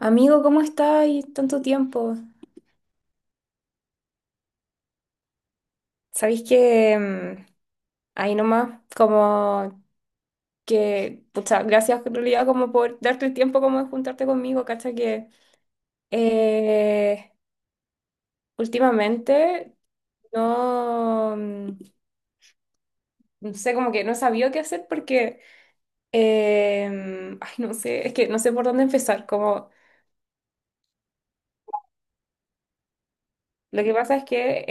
Amigo, ¿cómo estáis? Tanto tiempo. Sabéis que ahí nomás, pucha, gracias en realidad como por darte el tiempo como de juntarte conmigo, cacha que eh, últimamente no, no sé, como que no sabía qué hacer porque, ay, no sé, es que no sé por dónde empezar. Como, lo que pasa es que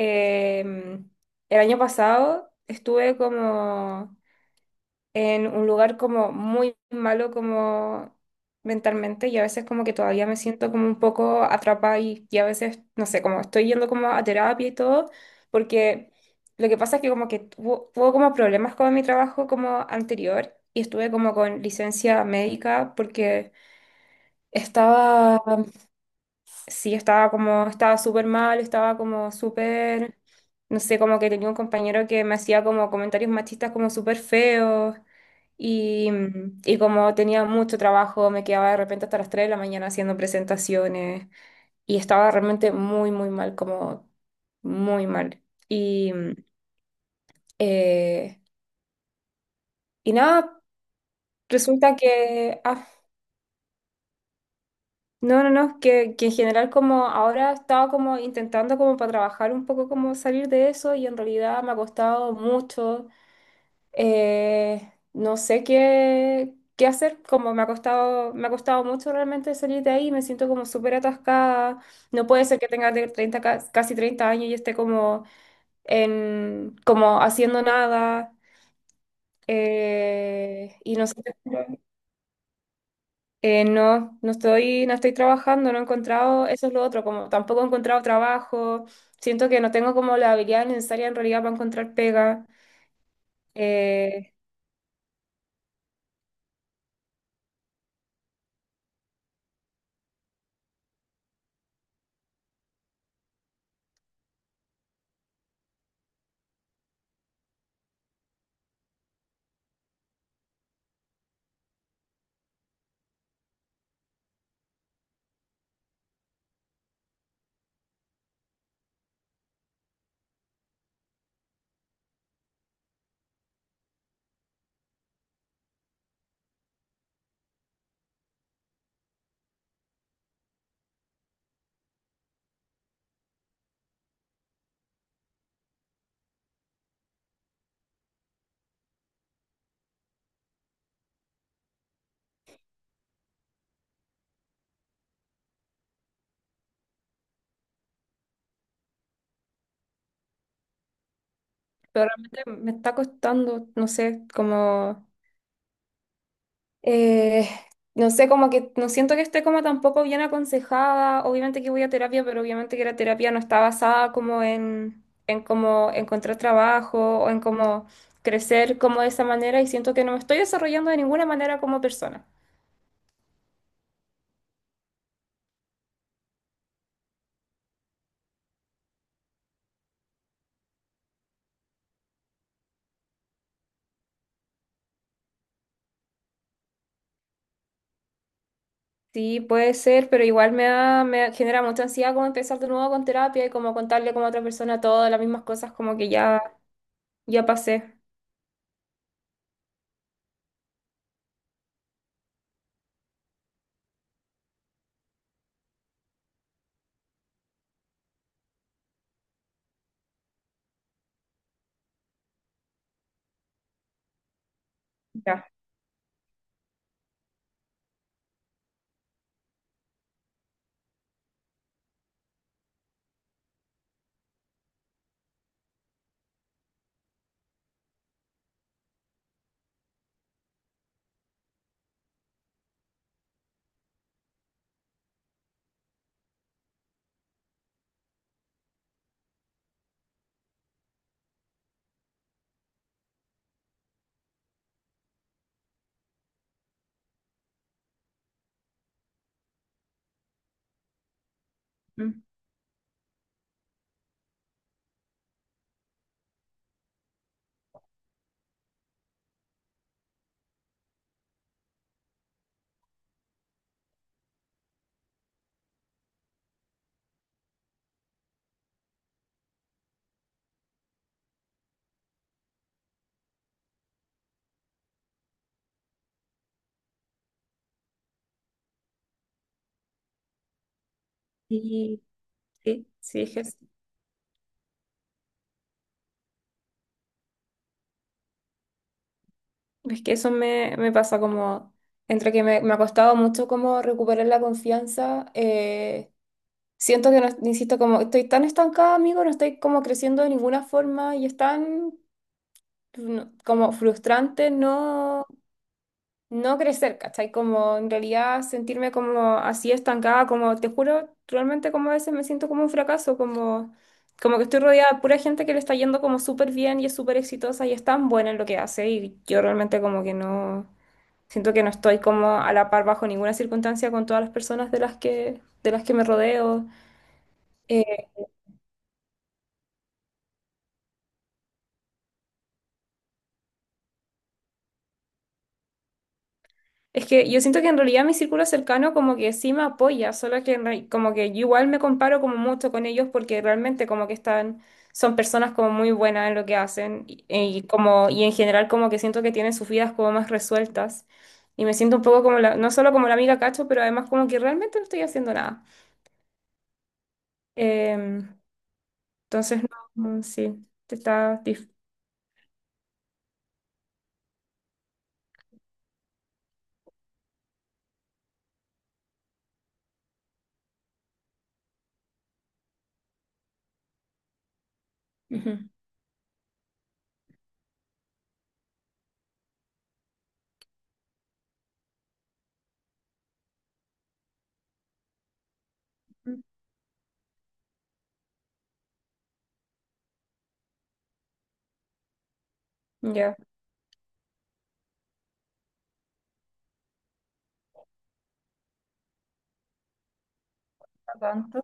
el año pasado estuve como en un lugar como muy malo como mentalmente y a veces como que todavía me siento como un poco atrapada y a veces, no sé, como estoy yendo como a terapia y todo, porque lo que pasa es que como que tuvo como problemas con mi trabajo como anterior y estuve como con licencia médica porque estaba. Sí, estaba como, estaba súper mal, estaba como súper, no sé, como que tenía un compañero que me hacía como comentarios machistas como súper feos y, y como tenía mucho trabajo, me quedaba de repente hasta las 3 de la mañana haciendo presentaciones y estaba realmente muy mal, como muy mal. Y, eh, y nada, resulta que... no, no, no, que en general como ahora estaba como intentando como para trabajar un poco como salir de eso y en realidad me ha costado mucho, no sé qué, qué hacer, como me ha costado mucho realmente salir de ahí, me siento como súper atascada, no puede ser que tenga de 30 casi 30 años y esté como en, como haciendo nada, y no sé. No, no estoy, no estoy trabajando, no he encontrado, eso es lo otro, como tampoco he encontrado trabajo, siento que no tengo como la habilidad necesaria en realidad para encontrar pega, eh, pero realmente me está costando, no sé, como, eh, no sé, como que no siento que esté como tampoco bien aconsejada, obviamente que voy a terapia, pero obviamente que la terapia no está basada como en como encontrar trabajo o en como crecer como de esa manera y siento que no me estoy desarrollando de ninguna manera como persona. Sí, puede ser, pero igual me genera mucha ansiedad como empezar de nuevo con terapia y como contarle como a otra persona todas las mismas cosas como que ya, ya pasé. Ya. Mm. Sí, sí, sí, es que eso me, me pasa como, entre que me ha costado mucho como recuperar la confianza, siento que, no, insisto, como estoy tan estancada, amigo, no estoy como creciendo de ninguna forma y es tan no, como frustrante, ¿no? No crecer, ¿cachai? Como en realidad sentirme como así estancada, como te juro, realmente como a veces me siento como un fracaso, como, como que estoy rodeada de pura gente que le está yendo como súper bien y es súper exitosa y es tan buena en lo que hace y yo realmente como que no, siento que no estoy como a la par bajo ninguna circunstancia con todas las personas de las que me rodeo. Es que yo siento que en realidad mi círculo cercano como que sí me apoya, solo que como que yo igual me comparo como mucho con ellos porque realmente como que están, son personas como muy buenas en lo que hacen y como, y en general como que siento que tienen sus vidas como más resueltas y me siento un poco como la, no solo como la amiga cacho, pero además como que realmente no estoy haciendo nada. Em, entonces, no, no, sí, te está dif- Ujú. Ya. Está tanto.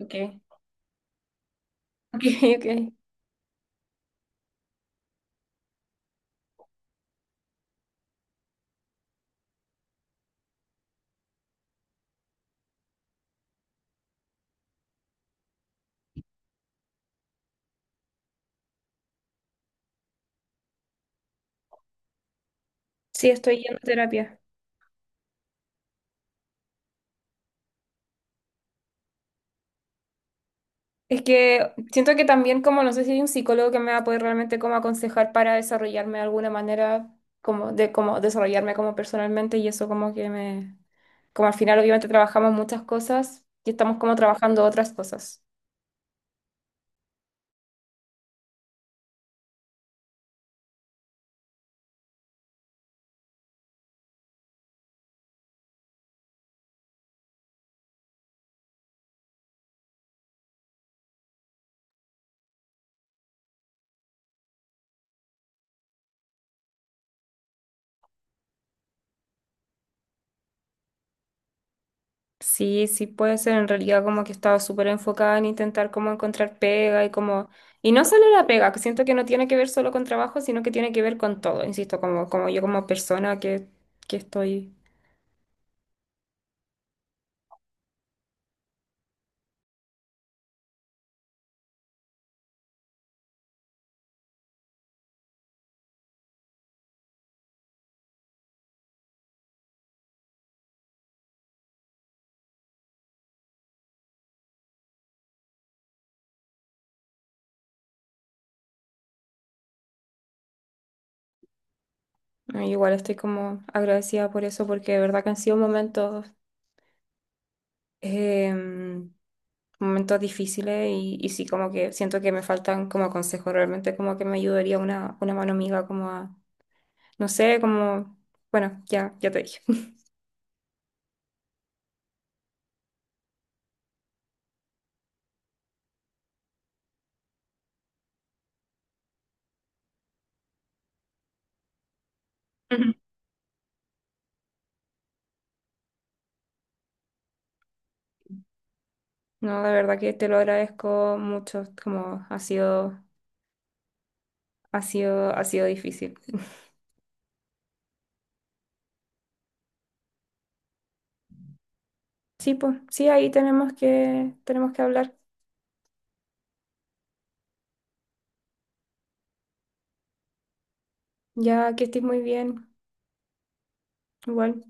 Ok. Ok, ok. Sí, estoy yendo a terapia. Es que siento que también como no sé si hay un psicólogo que me va a poder realmente como aconsejar para desarrollarme de alguna manera, como de como desarrollarme como personalmente y eso como que me, como al final obviamente trabajamos muchas cosas y estamos como trabajando otras cosas. Sí, sí puede ser en realidad como que estaba estado súper enfocada en intentar como encontrar pega y como, y no solo la pega, que siento que no tiene que ver solo con trabajo, sino que tiene que ver con todo, insisto, como, como yo como persona que estoy. No, igual estoy como agradecida por eso, porque de verdad que han sido momentos, em, momentos difíciles y sí, como que siento que me faltan como consejos, realmente como que me ayudaría una mano amiga como a, no sé, como, bueno, ya, ya te dije. Ujú. No, de verdad que te lo agradezco mucho, como ha sido, ha sido difícil. Sí, pues, sí, ahí tenemos que hablar. Ya que estés muy bien, igual.